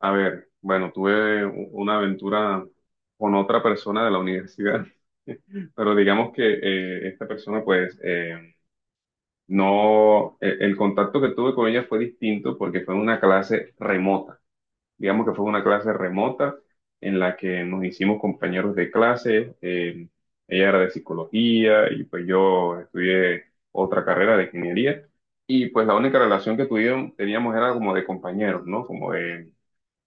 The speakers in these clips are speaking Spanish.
A ver, bueno, tuve una aventura con otra persona de la universidad, pero digamos que esta persona, pues, no, el contacto que tuve con ella fue distinto porque fue una clase remota. Digamos que fue una clase remota en la que nos hicimos compañeros de clase. Ella era de psicología y pues yo estudié otra carrera de ingeniería. Y pues la única relación que teníamos era como de compañeros, ¿no? Como de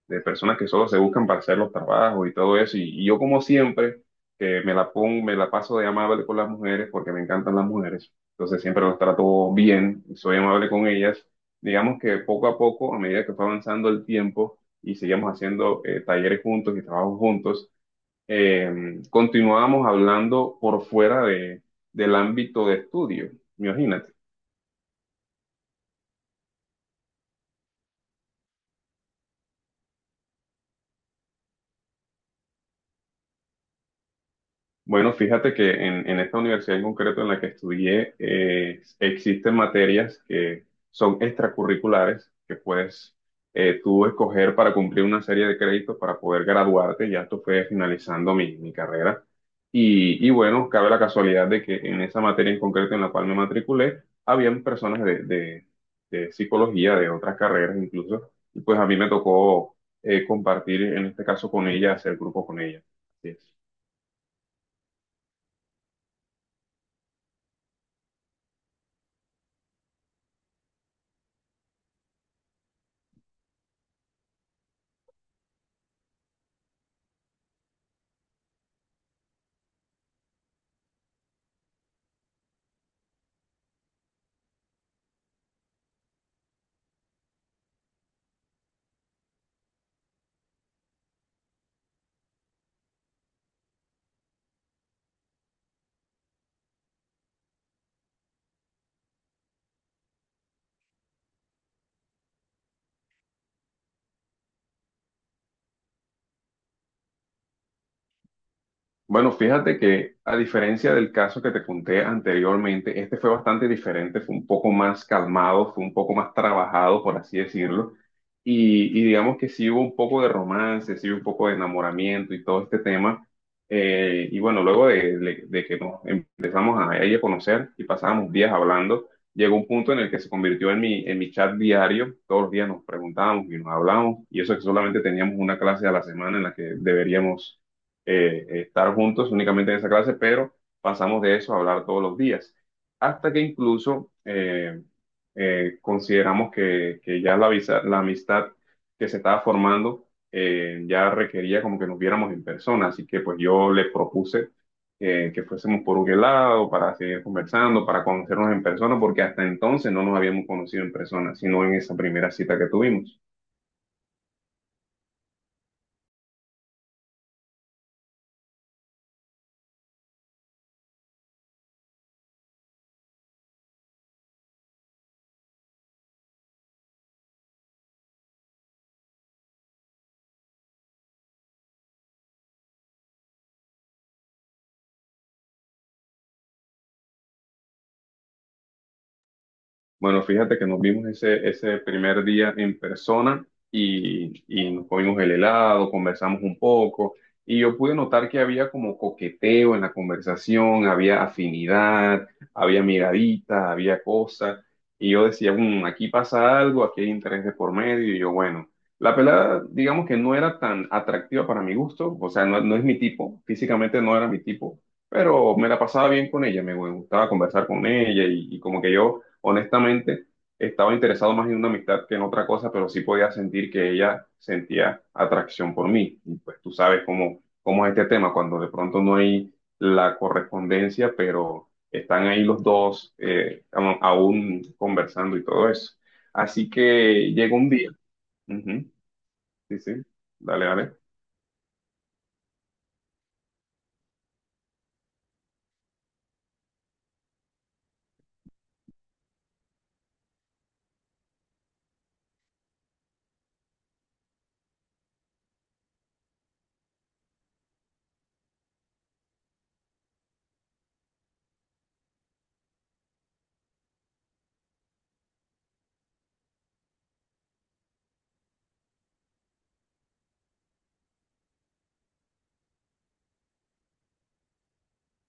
de personas que solo se buscan para hacer los trabajos y todo eso. Y yo como siempre, que me la pongo, me la paso de amable con las mujeres porque me encantan las mujeres. Entonces siempre las trato bien, soy amable con ellas. Digamos que poco a poco, a medida que fue avanzando el tiempo y seguíamos haciendo talleres juntos y trabajos juntos, continuábamos hablando por fuera del ámbito de estudio. Imagínate. Bueno, fíjate que en esta universidad en concreto en la que estudié, existen materias que son extracurriculares que puedes tú escoger para cumplir una serie de créditos para poder graduarte. Ya esto fue finalizando mi carrera. Y bueno, cabe la casualidad de que en esa materia en concreto en la cual me matriculé, habían personas de psicología, de otras carreras incluso, y pues a mí me tocó compartir en este caso con ella, hacer grupo con ella. Así es. Bueno, fíjate que a diferencia del caso que te conté anteriormente, este fue bastante diferente, fue un poco más calmado, fue un poco más trabajado, por así decirlo, y digamos que sí hubo un poco de romance, sí hubo un poco de enamoramiento y todo este tema. Y bueno, luego de que nos empezamos a, ahí a conocer y pasábamos días hablando, llegó un punto en el que se convirtió en en mi chat diario, todos los días nos preguntábamos y nos hablábamos, y eso que solamente teníamos una clase a la semana en la que deberíamos estar juntos únicamente en esa clase, pero pasamos de eso a hablar todos los días, hasta que incluso consideramos que ya la amistad que se estaba formando ya requería como que nos viéramos en persona, así que pues yo le propuse que fuésemos por un helado para seguir conversando, para conocernos en persona, porque hasta entonces no nos habíamos conocido en persona, sino en esa primera cita que tuvimos. Bueno, fíjate que nos vimos ese primer día en persona y nos comimos el helado, conversamos un poco y yo pude notar que había como coqueteo en la conversación, había afinidad, había miradita, había cosas y yo decía, aquí pasa algo, aquí hay interés de por medio y yo, bueno, la pelada digamos que no era tan atractiva para mi gusto, o sea, no, no es mi tipo, físicamente no era mi tipo, pero me la pasaba bien con ella, me gustaba conversar con ella y como que yo... Honestamente, estaba interesado más en una amistad que en otra cosa, pero sí podía sentir que ella sentía atracción por mí. Y pues tú sabes cómo, cómo es este tema, cuando de pronto no hay la correspondencia, pero están ahí los dos aún conversando y todo eso. Así que llegó un día. Ujú. Sí, sí. Dale, dale.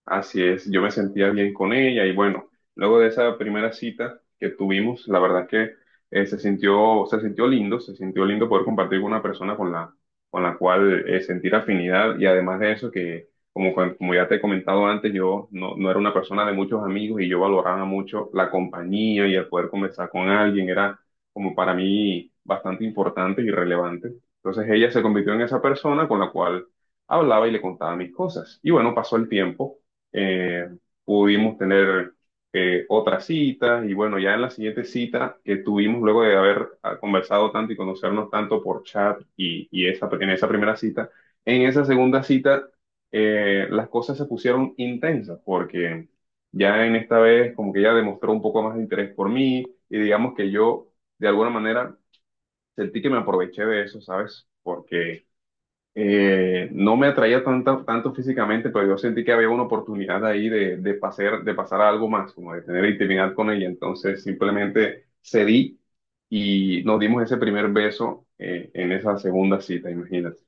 Así es, yo me sentía bien con ella y bueno, luego de esa primera cita que tuvimos, la verdad que se sintió lindo poder compartir con una persona con con la cual sentir afinidad y además de eso que, como, como ya te he comentado antes, yo no, no era una persona de muchos amigos y yo valoraba mucho la compañía y el poder conversar con alguien, era como para mí bastante importante y relevante. Entonces ella se convirtió en esa persona con la cual hablaba y le contaba mis cosas. Y bueno, pasó el tiempo eh, pudimos tener otras citas y bueno, ya en la siguiente cita que tuvimos luego de haber conversado tanto y conocernos tanto por chat y en esa primera cita, en esa segunda cita las cosas se pusieron intensas porque ya en esta vez como que ella demostró un poco más de interés por mí y digamos que yo de alguna manera sentí que me aproveché de eso, ¿sabes? Porque no me atraía tanto, tanto físicamente, pero yo sentí que había una oportunidad ahí de pasar a algo más, como de tener intimidad con ella. Entonces simplemente cedí y nos dimos ese primer beso en esa segunda cita, imagínate.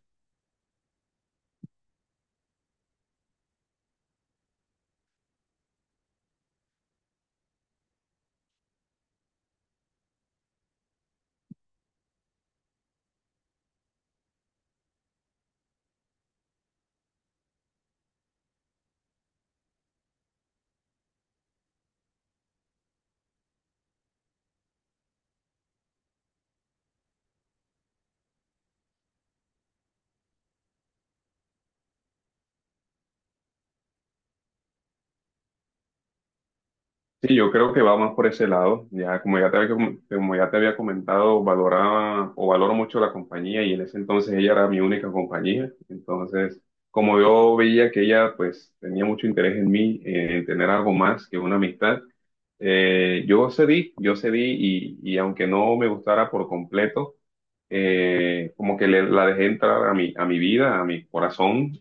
Sí, yo creo que va más por ese lado. Ya, como ya te había, como ya te había comentado, valoraba o valoro mucho la compañía y en ese entonces ella era mi única compañía. Entonces, como yo veía que ella pues tenía mucho interés en mí, en tener algo más que una amistad, yo cedí y aunque no me gustara por completo, como que la dejé entrar a a mi vida, a mi corazón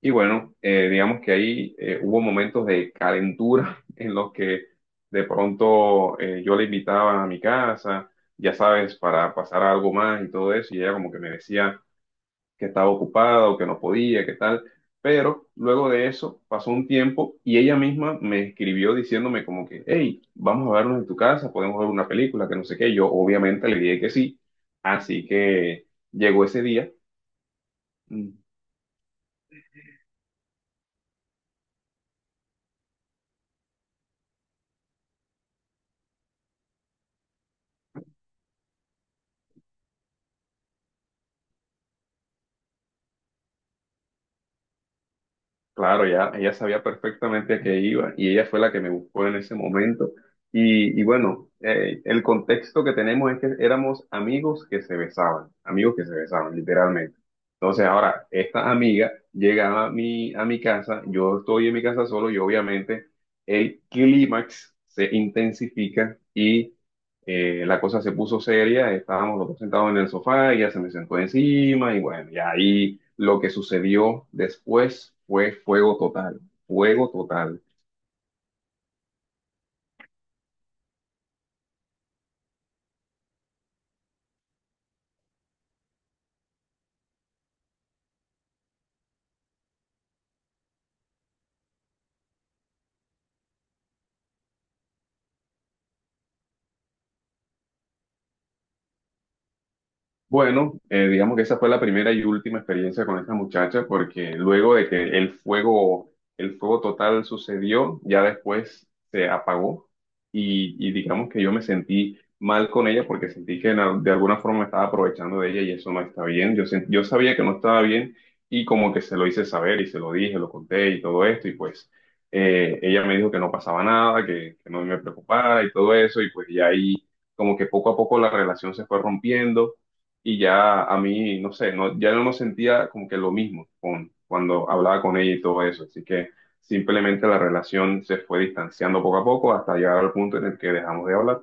y bueno, digamos que ahí hubo momentos de calentura en los que de pronto yo la invitaba a mi casa, ya sabes, para pasar algo más y todo eso, y ella como que me decía que estaba ocupada o que no podía, que tal. Pero luego de eso pasó un tiempo y ella misma me escribió diciéndome como que, hey, vamos a vernos en tu casa, podemos ver una película, que no sé qué. Yo obviamente le dije que sí, así que llegó ese día. mm, Claro, ya, ella sabía perfectamente a qué iba y ella fue la que me buscó en ese momento. Y bueno, el contexto que tenemos es que éramos amigos que se besaban, amigos que se besaban, literalmente. Entonces ahora, esta amiga llega a a mi casa, yo estoy en mi casa solo y obviamente el clímax se intensifica y la cosa se puso seria, estábamos los dos sentados en el sofá, ella se me sentó encima y bueno, y ahí lo que sucedió después fue fuego total, fuego total. Bueno, digamos que esa fue la primera y última experiencia con esta muchacha, porque luego de que el fuego total sucedió, ya después se apagó y digamos que yo me sentí mal con ella porque sentí que en de alguna forma me estaba aprovechando de ella y eso no está bien. Yo, yo sabía que no estaba bien y como que se lo hice saber y se lo dije, lo conté y todo esto y pues ella me dijo que no pasaba nada, que no me preocupara y todo eso y pues ya ahí como que poco a poco la relación se fue rompiendo y ya a mí, no sé, no, ya no me sentía como que lo mismo con, cuando hablaba con ella y todo eso. Así que simplemente la relación se fue distanciando poco a poco hasta llegar al punto en el que dejamos de hablar.